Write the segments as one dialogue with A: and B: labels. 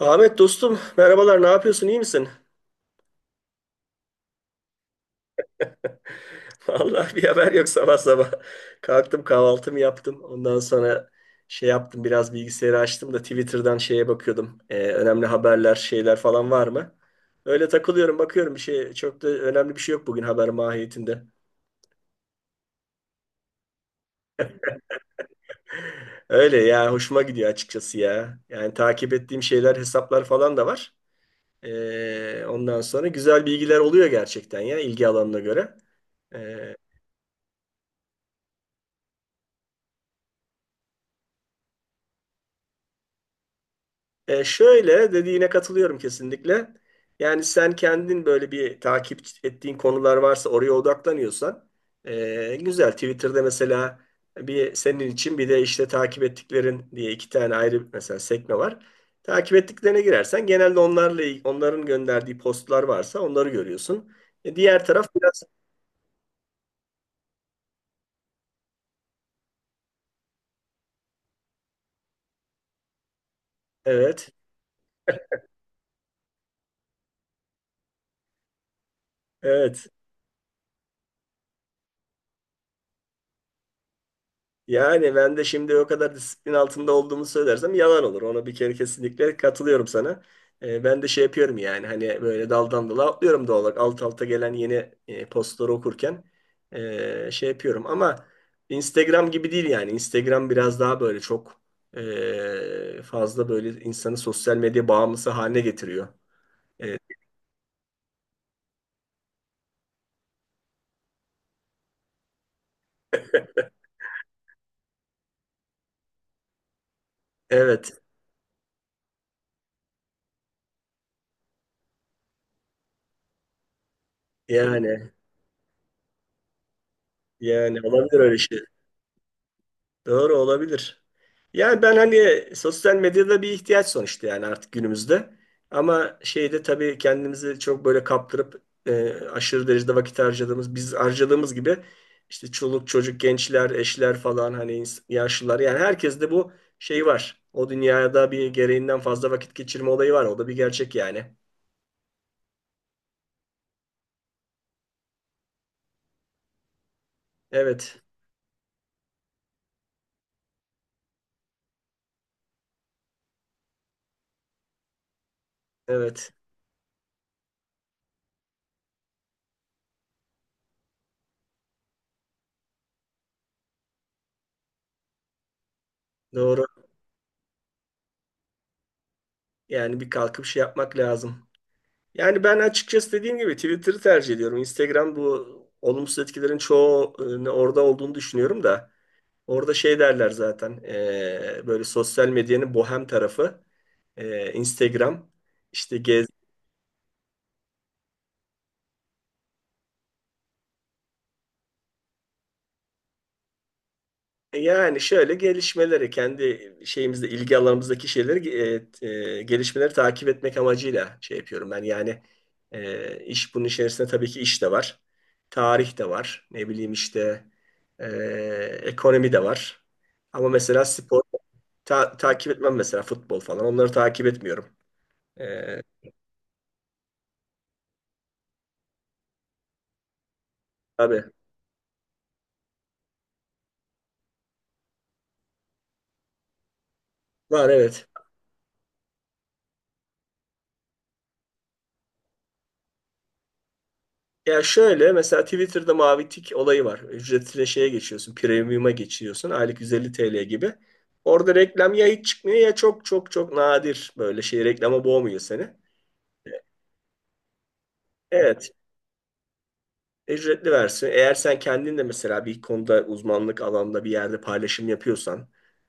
A: Ahmet dostum, merhabalar. Ne yapıyorsun, iyi misin? Vallahi bir haber yok sabah sabah. Kalktım, kahvaltımı yaptım. Ondan sonra şey yaptım, biraz bilgisayarı açtım da Twitter'dan şeye bakıyordum. Önemli haberler, şeyler falan var mı? Öyle takılıyorum, bakıyorum. Bir şey, çok da önemli bir şey yok bugün haber mahiyetinde. Öyle ya, hoşuma gidiyor açıkçası ya. Yani takip ettiğim şeyler, hesaplar falan da var. Ondan sonra güzel bilgiler oluyor gerçekten ya, ilgi alanına göre. Ee, şöyle dediğine katılıyorum kesinlikle. Yani sen kendin böyle bir takip ettiğin konular varsa oraya odaklanıyorsan güzel. Twitter'da mesela bir senin için, bir de işte takip ettiklerin diye iki tane ayrı mesela sekme var. Takip ettiklerine girersen genelde onlarla onların gönderdiği postlar varsa onları görüyorsun. Diğer taraf biraz evet, evet. Yani ben de şimdi o kadar disiplin altında olduğumu söylersem yalan olur. Ona bir kere kesinlikle katılıyorum sana. Ben de şey yapıyorum yani hani böyle daldan dala atlıyorum doğal olarak. Alt alta gelen yeni postları okurken şey yapıyorum. Ama Instagram gibi değil yani. Instagram biraz daha böyle çok fazla böyle insanı sosyal medya bağımlısı haline getiriyor. E, evet, yani yani olabilir öyle şey. Doğru olabilir. Yani ben hani sosyal medyada bir ihtiyaç sonuçta yani artık günümüzde. Ama şeyde tabii kendimizi çok böyle kaptırıp aşırı derecede vakit harcadığımız, biz harcadığımız gibi işte çoluk çocuk, gençler, eşler falan hani yaşlılar yani herkes de bu şey var. O dünyada bir gereğinden fazla vakit geçirme olayı var. O da bir gerçek yani. Evet, evet. Doğru. Yani bir kalkıp şey yapmak lazım. Yani ben açıkçası dediğim gibi Twitter'ı tercih ediyorum. Instagram bu olumsuz etkilerin çoğu orada olduğunu düşünüyorum da orada şey derler zaten böyle sosyal medyanın bohem tarafı Instagram işte gez. Yani şöyle gelişmeleri kendi şeyimizde ilgi alanımızdaki şeyleri e, gelişmeleri takip etmek amacıyla şey yapıyorum ben. Yani iş bunun içerisinde tabii ki iş de var. Tarih de var. Ne bileyim işte e, ekonomi de var. Ama mesela spor takip etmem mesela futbol falan. Onları takip etmiyorum. E, tabii var, evet. Ya şöyle mesela Twitter'da mavi tik olayı var. Ücretine şeye geçiyorsun, premium'a geçiyorsun. Aylık 150 TL gibi. Orada reklam ya hiç çıkmıyor ya çok çok çok nadir, böyle şey, reklama boğmuyor seni. Evet, ücretli versiyon. Eğer sen kendin de mesela bir konuda uzmanlık alanda bir yerde paylaşım yapıyorsan,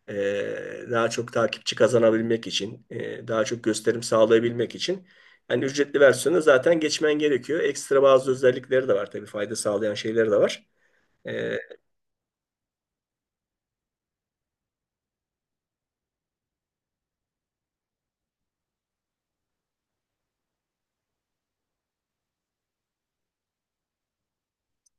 A: daha çok takipçi kazanabilmek için, daha çok gösterim sağlayabilmek için yani ücretli versiyonu zaten geçmen gerekiyor. Ekstra bazı özellikleri de var, tabii fayda sağlayan şeyleri de var. E,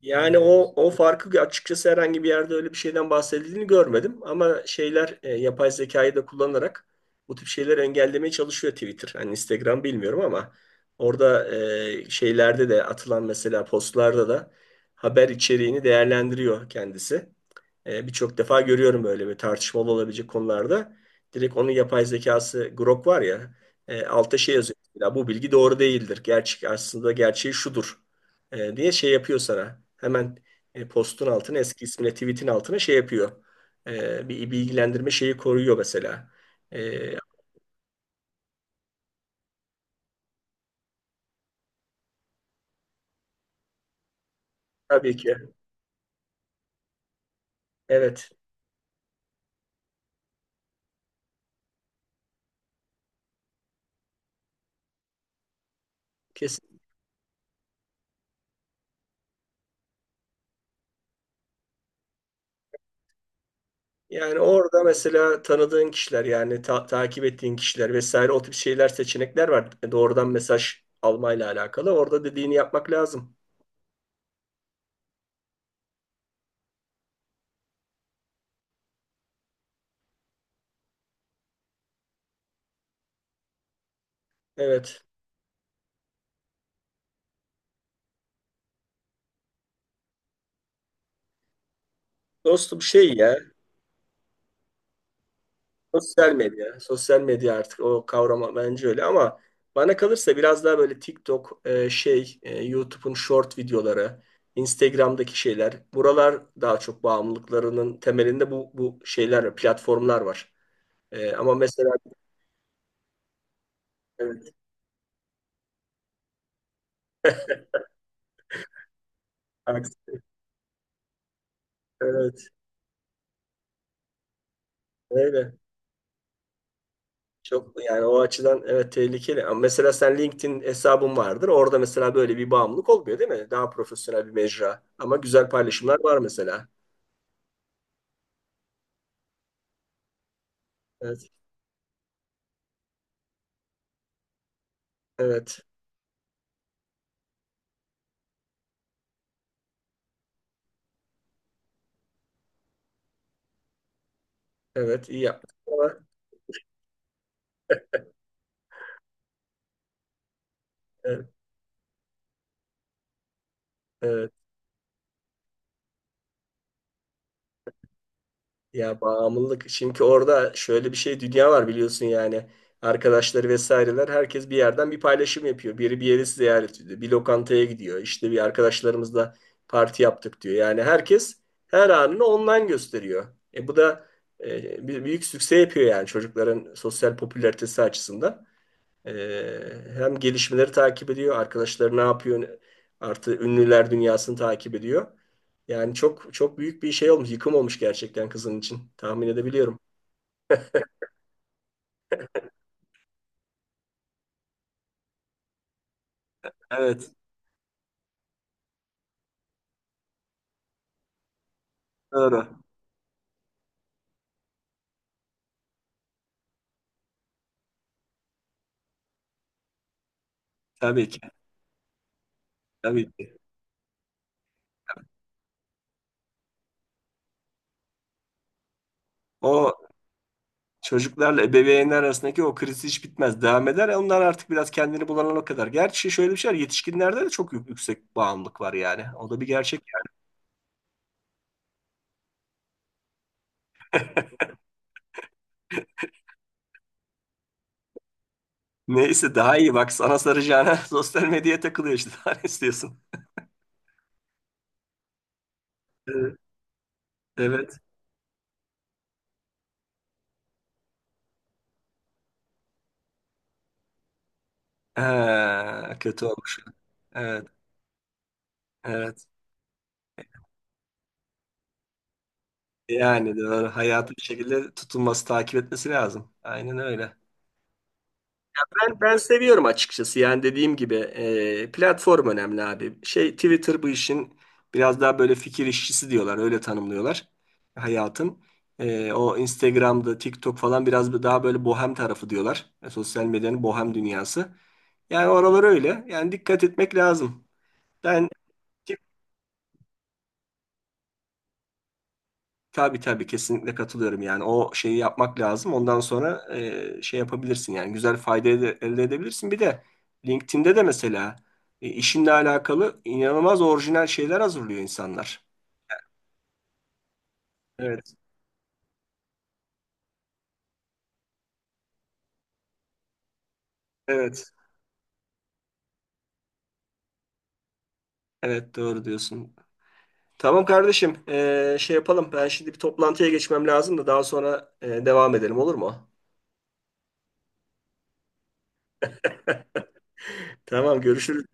A: Yani o farkı açıkçası herhangi bir yerde öyle bir şeyden bahsedildiğini görmedim. Ama şeyler yapay zekayı da kullanarak bu tip şeyleri engellemeye çalışıyor Twitter. Hani Instagram bilmiyorum ama orada şeylerde de atılan mesela postlarda da haber içeriğini değerlendiriyor kendisi. Birçok defa görüyorum böyle bir tartışmalı olabilecek konularda. Direkt onun yapay zekası Grok var ya, altta şey yazıyor. Ya, bu bilgi doğru değildir. Gerçek aslında gerçeği şudur diye şey yapıyor sana. Hemen postun altına, eski ismine tweetin altına şey yapıyor. Bir bilgilendirme şeyi koyuyor mesela. E, tabii ki, evet, kesin. Yani orada mesela tanıdığın kişiler yani takip ettiğin kişiler vesaire o tip şeyler, seçenekler var. Doğrudan mesaj almayla alakalı. Orada dediğini yapmak lazım. Evet. Dostum, şey ya, sosyal medya. Sosyal medya artık o kavram bence öyle ama bana kalırsa biraz daha böyle TikTok, şey, YouTube'un short videoları, Instagram'daki şeyler, buralar daha çok bağımlılıklarının temelinde, bu şeyler, platformlar var. Ama mesela evet, aksi- evet, öyle. Çok yani o açıdan evet, tehlikeli. Ama mesela sen LinkedIn hesabın vardır. Orada mesela böyle bir bağımlılık olmuyor değil mi? Daha profesyonel bir mecra. Ama güzel paylaşımlar var mesela. Evet. Evet. Evet, iyi yaptın. Ama evet, evet. Ya, bağımlılık. Çünkü orada şöyle bir şey, dünya var biliyorsun yani. Arkadaşları vesaireler, herkes bir yerden bir paylaşım yapıyor. Biri bir yeri ziyaret ediyor, bir lokantaya gidiyor. İşte bir arkadaşlarımızla parti yaptık diyor. Yani herkes her anını online gösteriyor. Bu da bir büyük sükse yapıyor yani çocukların sosyal popülaritesi açısından. Hem gelişmeleri takip ediyor, arkadaşları ne yapıyor, artı ünlüler dünyasını takip ediyor. Yani çok çok büyük bir şey olmuş, yıkım olmuş gerçekten kızın için. Tahmin edebiliyorum. Evet, doğru. Tabii ki, tabii ki. O çocuklarla ebeveynler arasındaki o kriz hiç bitmez, devam eder. Onlar artık biraz kendini bulana kadar. Gerçi şöyle bir şey var, yetişkinlerde de çok yüksek bağımlılık var yani. O da bir gerçek. Neyse, daha iyi bak, sana saracağına sosyal medyaya takılıyor işte. Daha ne istiyorsun? Evet, evet. Ha, kötü olmuş. Evet, evet. Yani doğru. Hayatı bir şekilde tutunması, takip etmesi lazım. Aynen öyle. Ben seviyorum açıkçası. Yani dediğim gibi platform önemli abi. Şey Twitter bu işin biraz daha böyle fikir işçisi diyorlar. Öyle tanımlıyorlar, hayatın. O Instagram'da, TikTok falan biraz daha böyle bohem tarafı diyorlar. Sosyal medyanın bohem dünyası. Yani oralar öyle. Yani dikkat etmek lazım. Ben. Tabii tabii, kesinlikle katılıyorum yani o şeyi yapmak lazım. Ondan sonra şey yapabilirsin yani güzel fayda elde edebilirsin. Bir de LinkedIn'de de mesela işinle alakalı inanılmaz orijinal şeyler hazırlıyor insanlar. Evet evet evet, doğru diyorsun. Tamam kardeşim, şey yapalım, ben şimdi bir toplantıya geçmem lazım da daha sonra devam edelim olur mu? Tamam, görüşürüz.